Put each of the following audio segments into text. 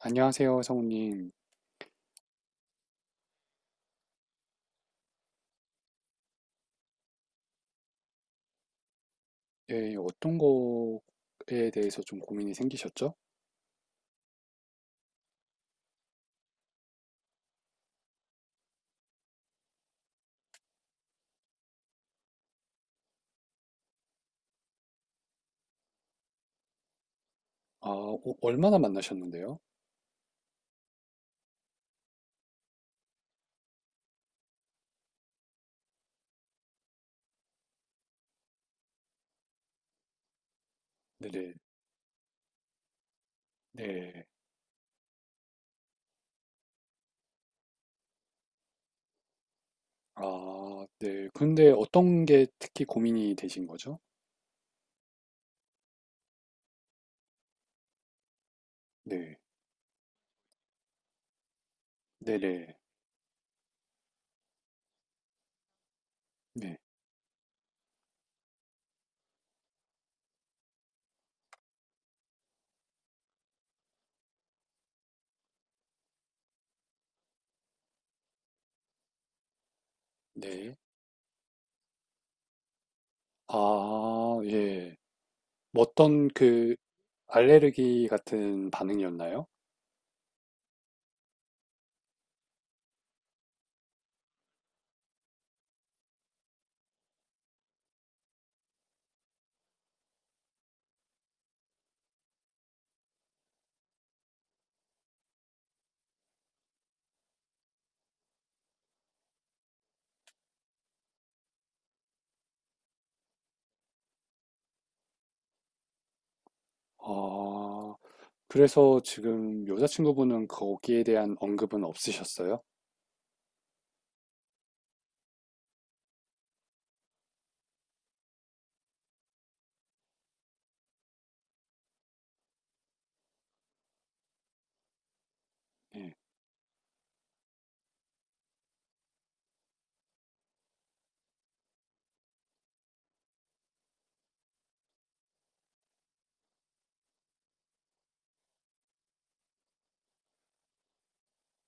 안녕하세요, 성우님. 예, 어떤 거에 대해서 좀 고민이 생기셨죠? 아, 오- 얼마나 만나셨는데요? 네네, 네. 아, 네. 근데 어떤 게 특히 고민이 되신 거죠? 네, 네네, 네, 네. 아, 예. 어떤 그 알레르기 같은 반응이었나요? 아, 그래서 지금 여자친구분은 거기에 대한 언급은 없으셨어요? 예.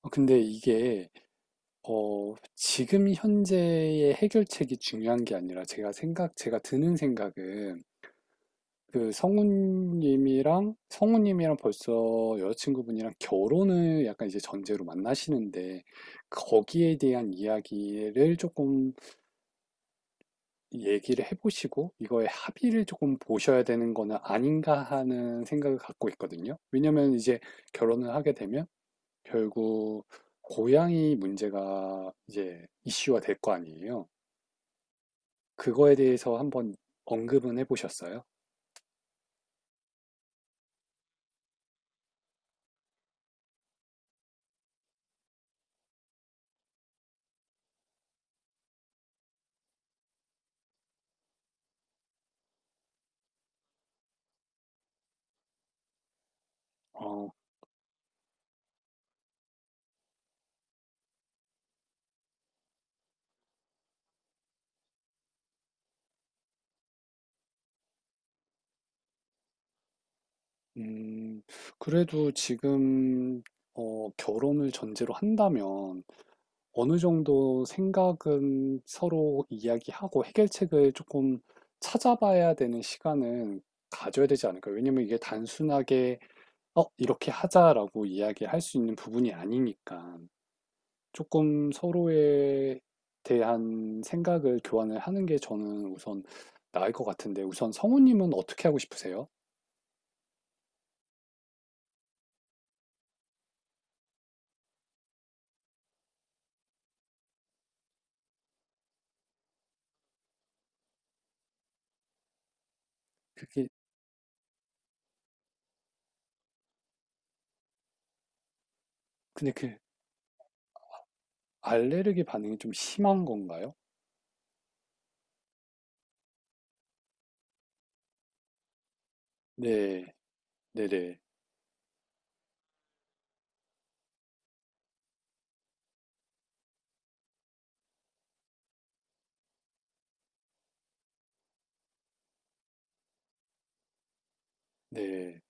어, 근데 이게 어, 지금 현재의 해결책이 중요한 게 아니라 제가 생각, 제가 드는 생각은 그 성우님이랑, 성우님이랑 벌써 여자친구분이랑 결혼을 약간 이제 전제로 만나시는데 거기에 대한 이야기를 조금 얘기를 해보시고 이거에 합의를 조금 보셔야 되는 거는 아닌가 하는 생각을 갖고 있거든요. 왜냐면 이제 결혼을 하게 되면 결국 고양이 문제가 이제 이슈화 될 거 아니에요. 그거에 대해서 한번 언급은 해보셨어요? 어, 음, 그래도 지금 어, 결혼을 전제로 한다면 어느 정도 생각은 서로 이야기하고 해결책을 조금 찾아봐야 되는 시간은 가져야 되지 않을까요? 왜냐면 이게 단순하게 어, 이렇게 하자라고 이야기할 수 있는 부분이 아니니까. 조금 서로에 대한 생각을 교환을 하는 게 저는 우선 나을 것 같은데 우선 성우님은 어떻게 하고 싶으세요? 그게 근데 그 알레르기 반응이 좀 심한 건가요? 네, 네네, 네.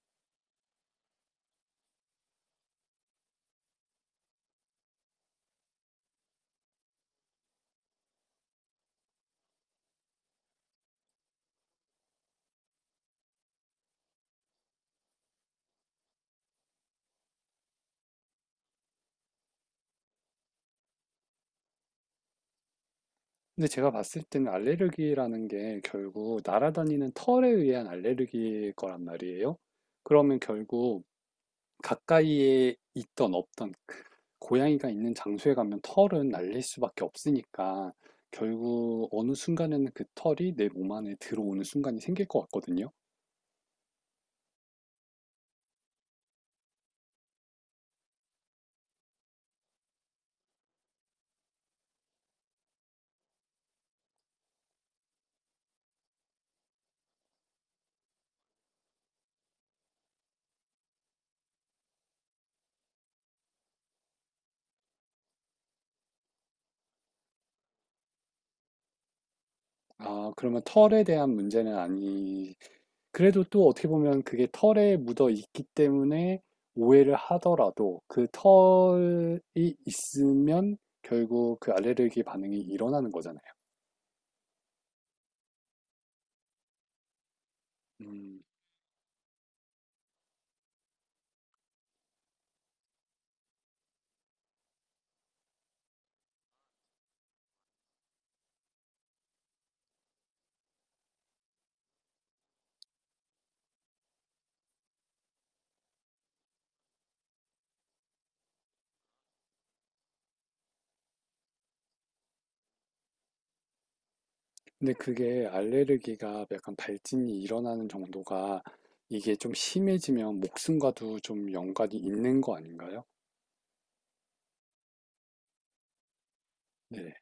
근데 제가 봤을 때는 알레르기라는 게 결국 날아다니는 털에 의한 알레르기일 거란 말이에요. 그러면 결국 가까이에 있던 없던 그 고양이가 있는 장소에 가면 털은 날릴 수밖에 없으니까 결국 어느 순간에는 그 털이 내 몸 안에 들어오는 순간이 생길 것 같거든요. 아, 그러면 털에 대한 문제는 아니. 그래도 또 어떻게 보면 그게 털에 묻어 있기 때문에 오해를 하더라도 그 털이 있으면 결국 그 알레르기 반응이 일어나는 거잖아요. 음. 근데 그게 알레르기가 약간 발진이 일어나는 정도가 이게 좀 심해지면 목숨과도 좀 연관이 있는 거 아닌가요? 네.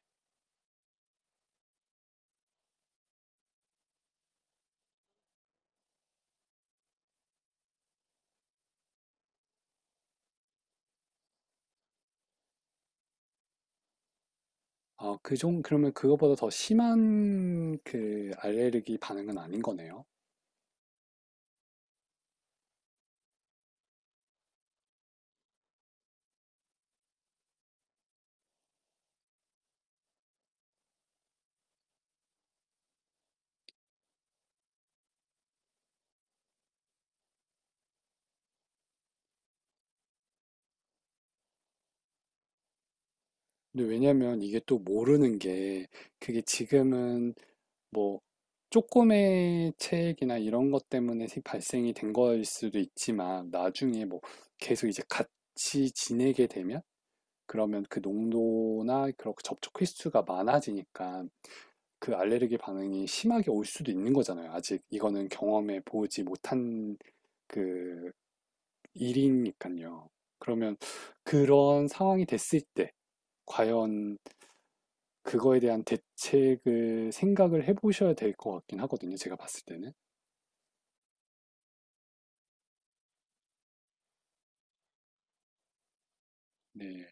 아, 그 종, 그러면 그거보다 더 심한 그 알레르기 반응은 아닌 거네요. 근데 왜냐면 이게 또 모르는 게 그게 지금은 뭐 조금의 체액이나 이런 것 때문에 생- 발생이 된 거일 수도 있지만 나중에 뭐 계속 이제 같이 지내게 되면 그러면 그 농도나 그런 그 접촉 횟수가 많아지니까 그 알레르기 반응이 심하게 올 수도 있는 거잖아요. 아직 이거는 경험해 보지 못한 그 일이니까요. 그러면 그런 상황이 됐을 때 과연 그거에 대한 대책을 생각을 해보셔야 될 것 같긴 하거든요. 제가 봤을 때는. 네.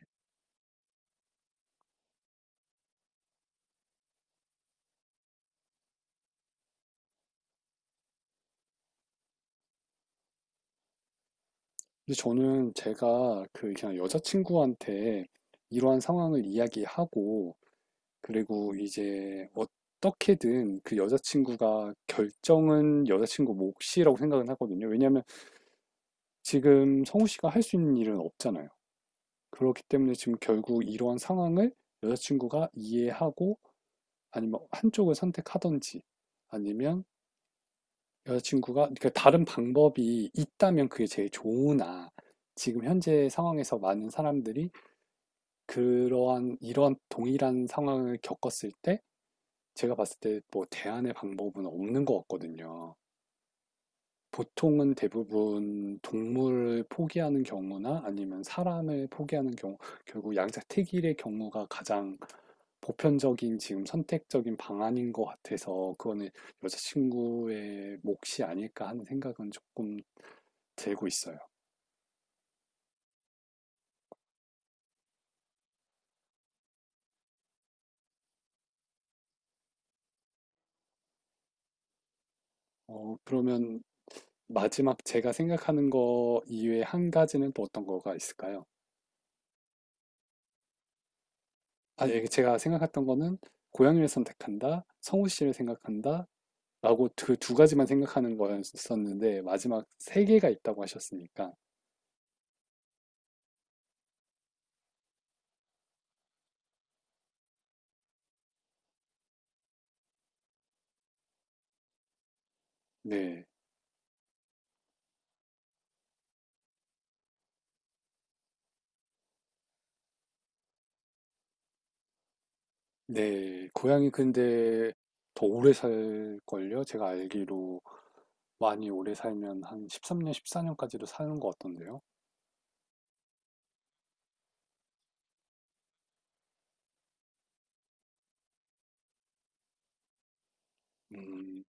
근데 저는 제가 그 그냥 여자친구한테 이러한 상황을 이야기하고 그리고 이제 어떻게든 그 여자친구가 결정은 여자친구 몫이라고 생각은 하거든요. 왜냐하면 지금 성우 씨가 할 수 있는 일은 없잖아요. 그렇기 때문에 지금 결국 이러한 상황을 여자친구가 이해하고 아니면 한쪽을 선택하든지 아니면 여자친구가 그러니까 다른 방법이 있다면 그게 제일 좋으나 지금 현재 상황에서 많은 사람들이 그러한 이러한 동일한 상황을 겪었을 때 제가 봤을 때 뭐 대안의 방법은 없는 것 같거든요. 보통은 대부분 동물을 포기하는 경우나 아니면 사람을 포기하는 경우, 결국 양자택일의 경우가 가장 보편적인 지금 선택적인 방안인 것 같아서 그거는 여자친구의 몫이 아닐까 하는 생각은 조금 들고 있어요. 어, 그러면 마지막 제가 생각하는 거 이외에 한 가지는 또 어떤 거가 있을까요? 아, 예, 제가 생각했던 거는 고양이를 선택한다, 성우 씨를 생각한다, 라고 그 두 가지만 생각하는 거였었는데, 마지막 세 개가 있다고 하셨으니까. 네, 네. 고양이 근데 더 오래 살걸요? 제가 알기로 많이 오래 살면 한 13년, 14년까지도 사는 것 같던데요. 음,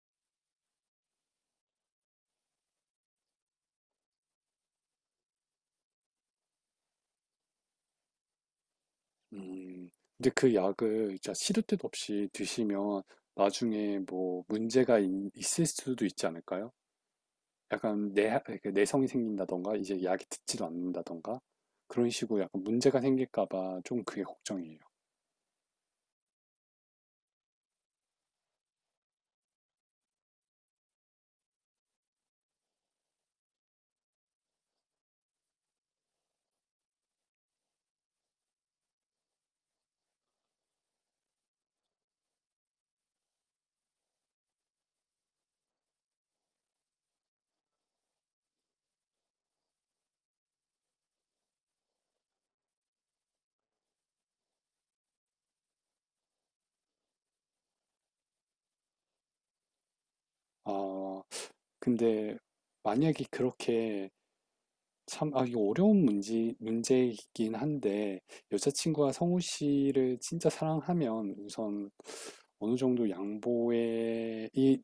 음. 근데 그 약을 진짜 시도 때도 없이 드시면 나중에 뭐 문제가 있- 있을 수도 있지 않을까요? 약간 내, 내성이 생긴다던가, 이제 약이 듣지도 않는다던가, 그런 식으로 약간 문제가 생길까봐 좀 그게 걱정이에요. 아, 근데 만약에 그렇게 참, 아, 이거 어려운 문제, 문제이긴 한데, 여자친구가 성우 씨를 진짜 사랑하면 우선 어느 정도 양보에, 이,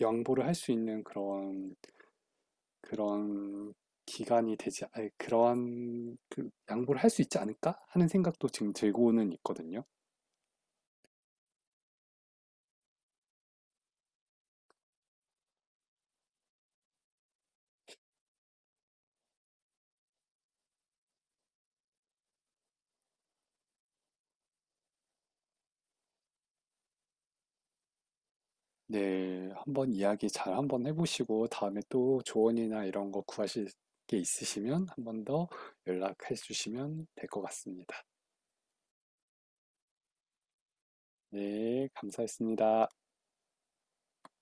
양보를 할 수 있는 그런, 그런 기간이 되지, 아니, 그러한, 그, 양보를 할 수 있지 않을까? 하는 생각도 지금 들고는 있거든요. 네, 한번 이야기 잘 한번 해보시고 다음에 또 조언이나 이런 거 구하실 게 있으시면 한번 더 연락해 주시면 될 것 같습니다. 네, 감사했습니다.